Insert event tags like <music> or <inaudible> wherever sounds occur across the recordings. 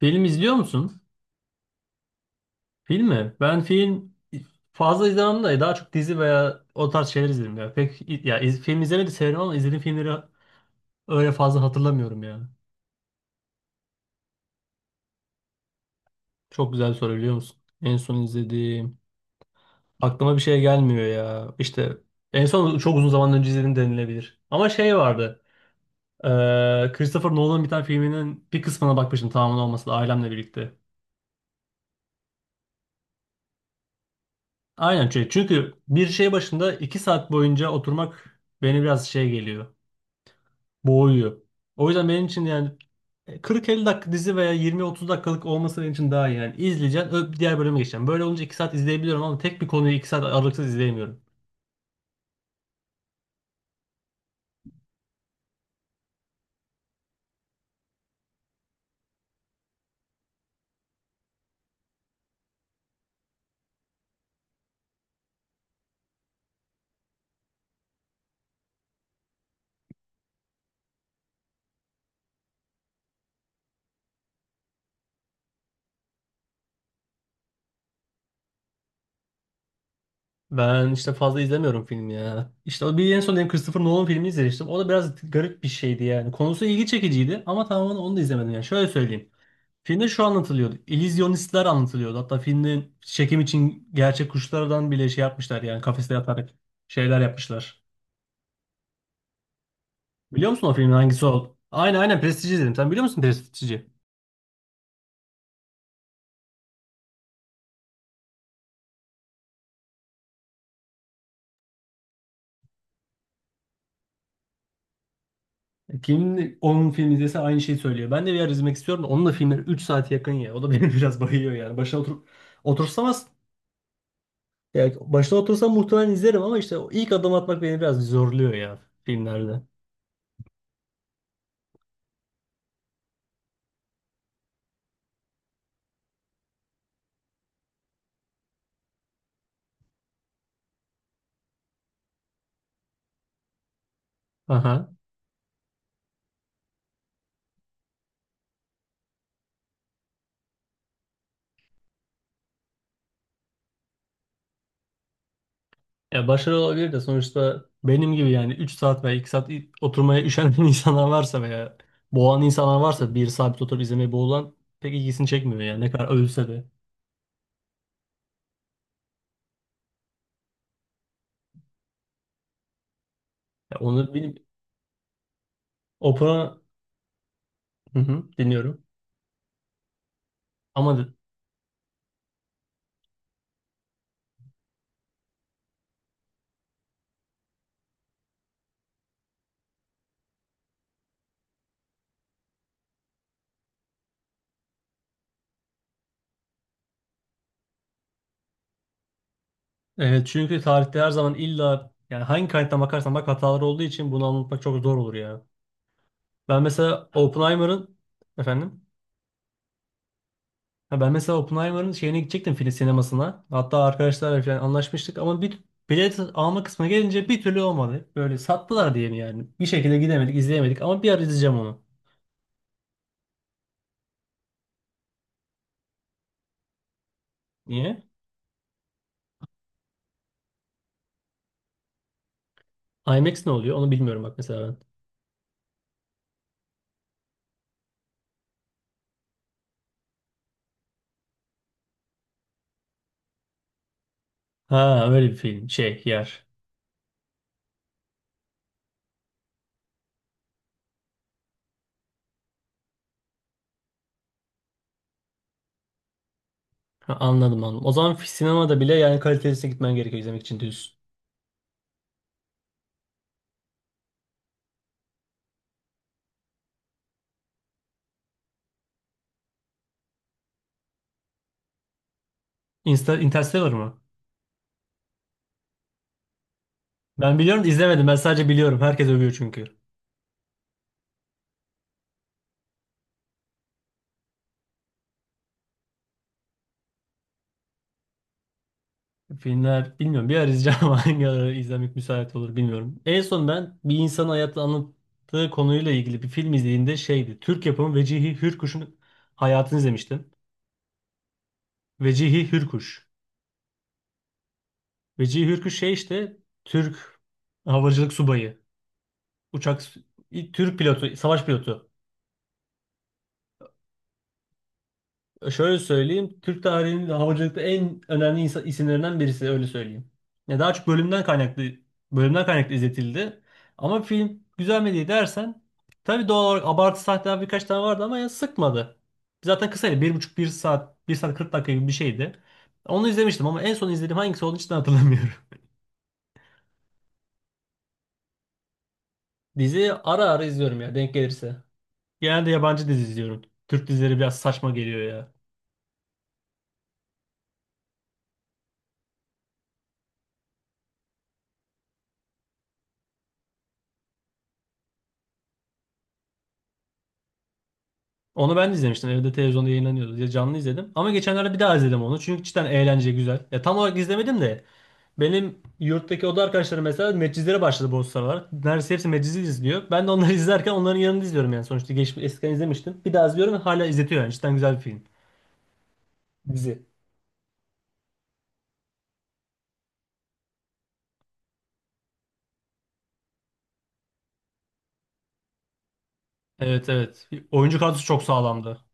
Film izliyor musun? Film mi? Ben film fazla izlemem de daha çok dizi veya o tarz şeyler izlerim ya. Pek ya film izlemeyi de severim ama izlediğim filmleri öyle fazla hatırlamıyorum ya. Çok güzel bir soru biliyor musun? En son izlediğim aklıma bir şey gelmiyor ya. İşte en son çok uzun zaman önce izledim denilebilir. Ama şey vardı. Christopher Nolan'ın bir tane filminin bir kısmına bakmıştım tamamen olmasa da ailemle birlikte. Aynen, çünkü bir şey başında 2 saat boyunca oturmak beni biraz şey geliyor, boğuyor. O yüzden benim için yani 40-50 dakika dizi veya 20-30 dakikalık olması benim için daha iyi. Yani izleyeceğim, öp diğer bölüme geçeceğim. Böyle olunca 2 saat izleyebiliyorum ama tek bir konuyu 2 saat aralıksız izleyemiyorum. Ben işte fazla izlemiyorum film ya. İşte o bir en son benim Christopher Nolan filmi izlemiştim. O da biraz garip bir şeydi yani. Konusu ilgi çekiciydi ama tamamen onu da izlemedim yani. Şöyle söyleyeyim. Filmde şu anlatılıyordu. İllüzyonistler anlatılıyordu. Hatta filmin çekim için gerçek kuşlardan bile şey yapmışlar yani kafeste yatarak şeyler yapmışlar. Biliyor musun o filmin hangisi o? Aynen, aynen, Prestij'i izledim. Sen biliyor musun Prestij'i? Kim onun filmi izlese aynı şeyi söylüyor. Ben de bir ara izlemek istiyorum da onun da filmleri 3 saate yakın ya. O da beni <laughs> biraz bayıyor yani. Başına oturup otursam az. Yani başına otursam muhtemelen izlerim ama işte o ilk adım atmak beni biraz zorluyor ya filmlerde. Aha. Ya başarılı olabilir de sonuçta benim gibi yani 3 saat veya 2 saat oturmaya üşenen <laughs> insanlar varsa veya boğan insanlar varsa bir sabit oturup izlemeye boğulan pek ilgisini çekmiyor yani ne kadar övülse de. Ya onu benim opera. Hı hı, dinliyorum. Ama çünkü tarihte her zaman illa yani hangi kaynaktan bakarsan bak hatalar olduğu için bunu anlatmak çok zor olur ya. Ben mesela Oppenheimer'ın, efendim, ha, ben mesela Oppenheimer'ın şeyine gidecektim film sinemasına. Hatta arkadaşlarla falan anlaşmıştık ama bir bilet alma kısmına gelince bir türlü olmadı. Böyle sattılar diye mi yani? Bir şekilde gidemedik, izleyemedik ama bir ara izleyeceğim onu. Niye? IMAX ne oluyor? Onu bilmiyorum bak mesela ben. Ha öyle bir film şey yer. Ha, anladım, anladım. O zaman sinemada bile yani kalitesine gitmen gerekiyor izlemek için diyorsun. Interstellar mı? Ben biliyorum da izlemedim. Ben sadece biliyorum. Herkes övüyor çünkü. Filmler bilmiyorum. Bir ara izleyeceğim ama <laughs> hangi ara izlemek müsait olur bilmiyorum. En son ben bir insanın hayatını anlattığı konuyla ilgili bir film izlediğimde şeydi. Türk yapımı Vecihi Hürkuş'un hayatını izlemiştim. Vecihi Hürkuş. Vecihi Hürkuş şey işte Türk havacılık subayı. Uçak ilk Türk pilotu, savaş pilotu. Şöyle söyleyeyim. Türk tarihinin havacılıkta en önemli insan, isimlerinden birisi, öyle söyleyeyim. Ya daha çok bölümden kaynaklı izletildi. Ama film güzel mi diye dersen tabii doğal olarak abartı sahneler birkaç tane vardı ama ya sıkmadı. Zaten kısaydı. Bir buçuk, bir saat, 1 saat 40 dakika gibi bir şeydi. Onu izlemiştim ama en son izlediğim hangisi olduğunu hiç de hatırlamıyorum. <laughs> Dizi ara ara izliyorum ya, denk gelirse. Genelde yabancı dizi izliyorum. Türk dizileri biraz saçma geliyor ya. Onu ben de izlemiştim. Evde televizyonda yayınlanıyordu diye canlı izledim. Ama geçenlerde bir daha izledim onu. Çünkü cidden eğlence güzel. Ya tam olarak izlemedim de benim yurttaki oda arkadaşlarım mesela medcizlere başladı bu sıralar. Neredeyse hepsi meczi izliyor. Ben de onları <laughs> izlerken onların yanında izliyorum yani. Sonuçta geçmiş eskiden izlemiştim. Bir daha izliyorum ve hala izletiyor yani. Cidden güzel bir film. Dizi. Evet, evet. Oyuncu kadrosu çok sağlamdı.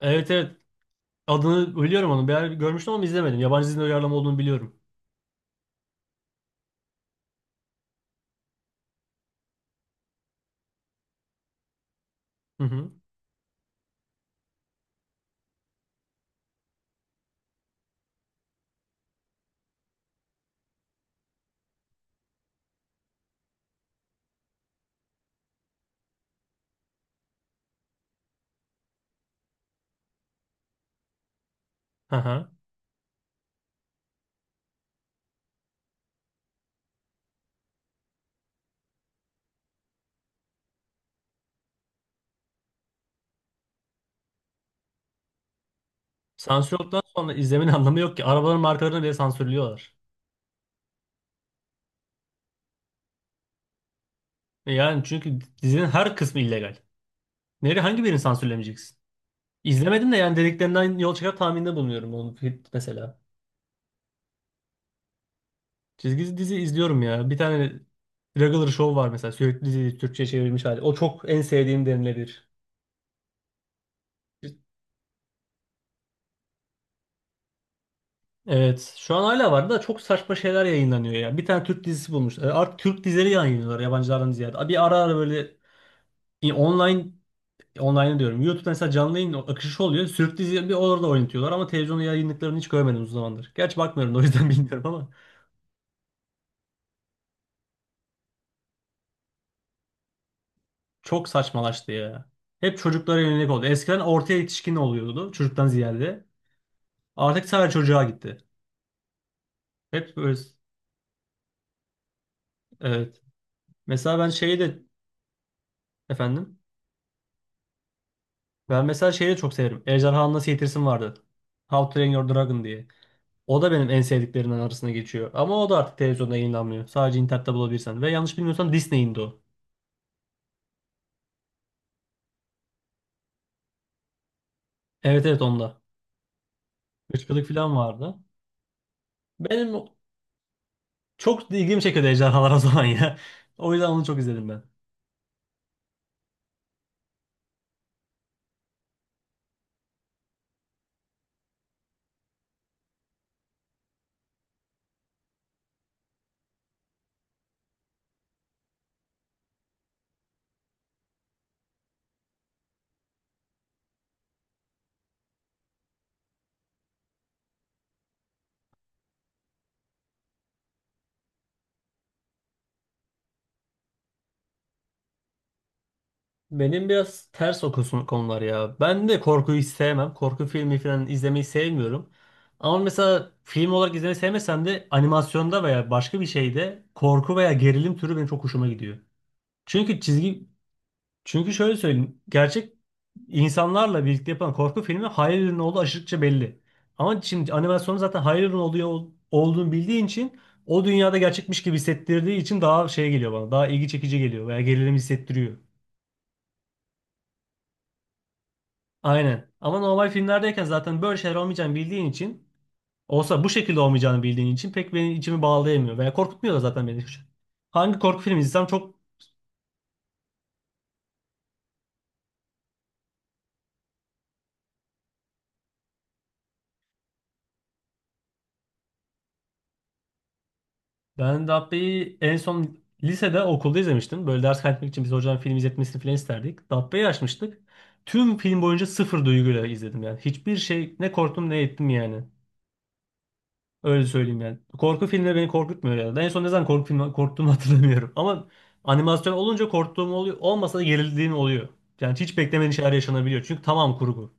Evet, evet. Adını biliyorum onu. Bir yer görmüştüm ama izlemedim. Yabancı dizinin uyarlama olduğunu biliyorum. Hı hı. Hı hı. Sansür olduktan sonra izlemenin <laughs> anlamı yok ki. Arabaların markalarını bile sansürlüyorlar. E yani çünkü dizinin her kısmı illegal. Nereye hangi birini sansürlemeyeceksin? İzlemedim de yani dediklerinden yol çıkar tahminde bulunuyorum onu mesela. Çizgi dizi izliyorum ya. Bir tane Regular Show var mesela, sürekli dizi Türkçe'ye çevrilmiş hali. O çok en sevdiğim denilebilir. Evet, şu an hala var da çok saçma şeyler yayınlanıyor ya. Bir tane Türk dizisi bulmuş. Artık Türk dizileri yayınlıyorlar yabancılardan ziyade. Bir ara ara böyle e, online Online'ı diyorum. YouTube mesela canlı yayın akışı oluyor. Sürüklü dizi bir orada oynatıyorlar ama televizyonda yayınlıklarını hiç görmedim uzun zamandır. Gerçi bakmıyorum da o yüzden <laughs> bilmiyorum ama çok saçmalaştı ya. Hep çocuklara yönelik oldu. Eskiden ortaya yetişkin oluyordu çocuktan ziyade. Artık sadece çocuğa gitti. Hep böyle. Evet. Mesela ben şeyi de, efendim. Ben mesela şeyi de çok severim. Ejderhanı Nasıl Eğitirsin vardı. How to Train Your Dragon diye. O da benim en sevdiklerimden arasına geçiyor. Ama o da artık televizyonda yayınlanmıyor. Sadece internette bulabilirsen. Ve yanlış bilmiyorsam Disney'indi o. Evet, evet, onda. Irkçılık falan vardı. Benim çok ilgimi çekiyordu ejderhalar o zaman ya. O yüzden onu çok izledim ben. Benim biraz ters o kısım- konular ya. Ben de korkuyu hiç sevmem. Korku filmi falan izlemeyi sevmiyorum. Ama mesela film olarak izlemeyi sevmesem de animasyonda veya başka bir şeyde korku veya gerilim türü benim çok hoşuma gidiyor. Çünkü çizgi Çünkü şöyle söyleyeyim. Gerçek insanlarla birlikte yapılan korku filmi hayal ürünü olduğu aşırıkça belli. Ama şimdi animasyonu zaten hayal ürünü oluyor, olduğunu bildiğin için o dünyada gerçekmiş gibi hissettirdiği için daha şey geliyor bana. Daha ilgi çekici geliyor veya gerilim hissettiriyor. Aynen. Ama normal filmlerdeyken zaten böyle şeyler olmayacağını bildiğin için, olsa bu şekilde olmayacağını bildiğin için pek benim içimi bağlayamıyor veya korkutmuyor da zaten beni. Hangi korku filmi izlesem çok. Ben Dabbe'yi en son lisede okulda izlemiştim. Böyle ders kaydetmek için biz hocadan film izletmesini falan isterdik. Dabbe'yi açmıştık. Tüm film boyunca sıfır duyguyla izledim yani. Hiçbir şey, ne korktum ne ettim yani. Öyle söyleyeyim yani. Korku filmleri beni korkutmuyor ya. En son ne zaman korku filmi korktuğumu <laughs> hatırlamıyorum. Ama animasyon olunca korktuğum oluyor. Olmasa da gerildiğim oluyor. Yani hiç beklemediğin şeyler yaşanabiliyor. Çünkü tamam, kurgu.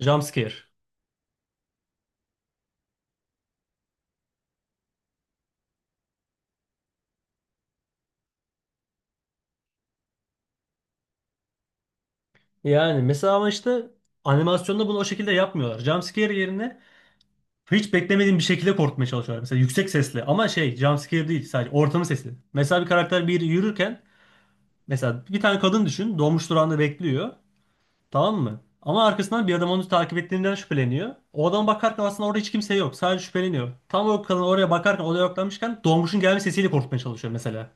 Jump scare. Yani mesela ama işte animasyonda bunu o şekilde yapmıyorlar. Jump scare yerine hiç beklemediğim bir şekilde korkutmaya çalışıyorlar. Mesela yüksek sesle ama şey jumpscare değil, sadece ortamın sesi. Mesela bir karakter bir yürürken, mesela bir tane kadın düşün dolmuş durağında bekliyor, tamam mı? Ama arkasından bir adam onu takip ettiğinden şüpheleniyor. O adam bakarken aslında orada hiç kimse yok, sadece şüpheleniyor. Tam o kadın oraya bakarken odaya odaklanmışken dolmuşun gelme sesiyle korkutmaya çalışıyor mesela.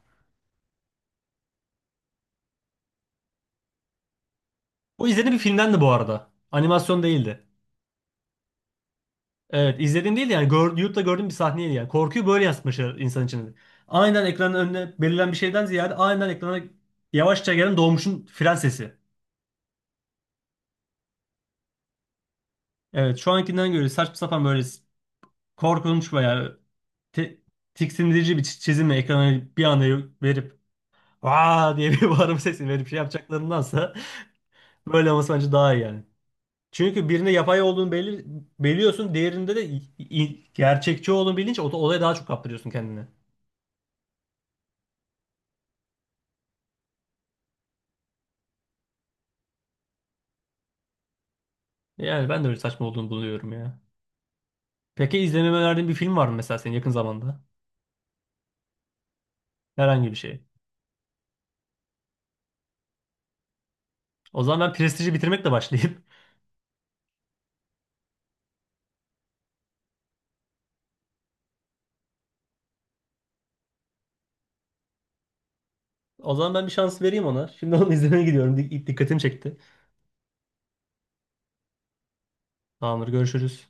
O izlediğim bir filmden de bu arada. Animasyon değildi. Evet, izlediğim değil de yani gör, YouTube'da gördüğüm bir sahneydi yani. Korkuyu böyle yansıtmışlar insan içinde. Aynen ekranın önüne belirlen bir şeyden ziyade aynen ekrana yavaşça gelen doğmuşun fren sesi. Evet, şu ankinden göre saçma sapan böyle korkunç veya te- tiksindirici bir çizimle ekrana bir anda verip aa diye bir <laughs> bağırma sesi verip şey yapacaklarındansa böyle olması bence daha iyi yani. Çünkü birinde yapay olduğunu belir biliyorsun, diğerinde de gerçekçi olduğunu bilince o olaya daha çok kaptırıyorsun kendini. Yani ben de öyle saçma olduğunu buluyorum ya. Peki izlememe önerdiğin bir film var mı mesela senin yakın zamanda? Herhangi bir şey. O zaman ben Prestige'i bitirmekle başlayayım. <laughs> O zaman ben bir şans vereyim ona. Şimdi onu izlemeye gidiyorum. Dikkatimi çekti. Tamamdır, görüşürüz.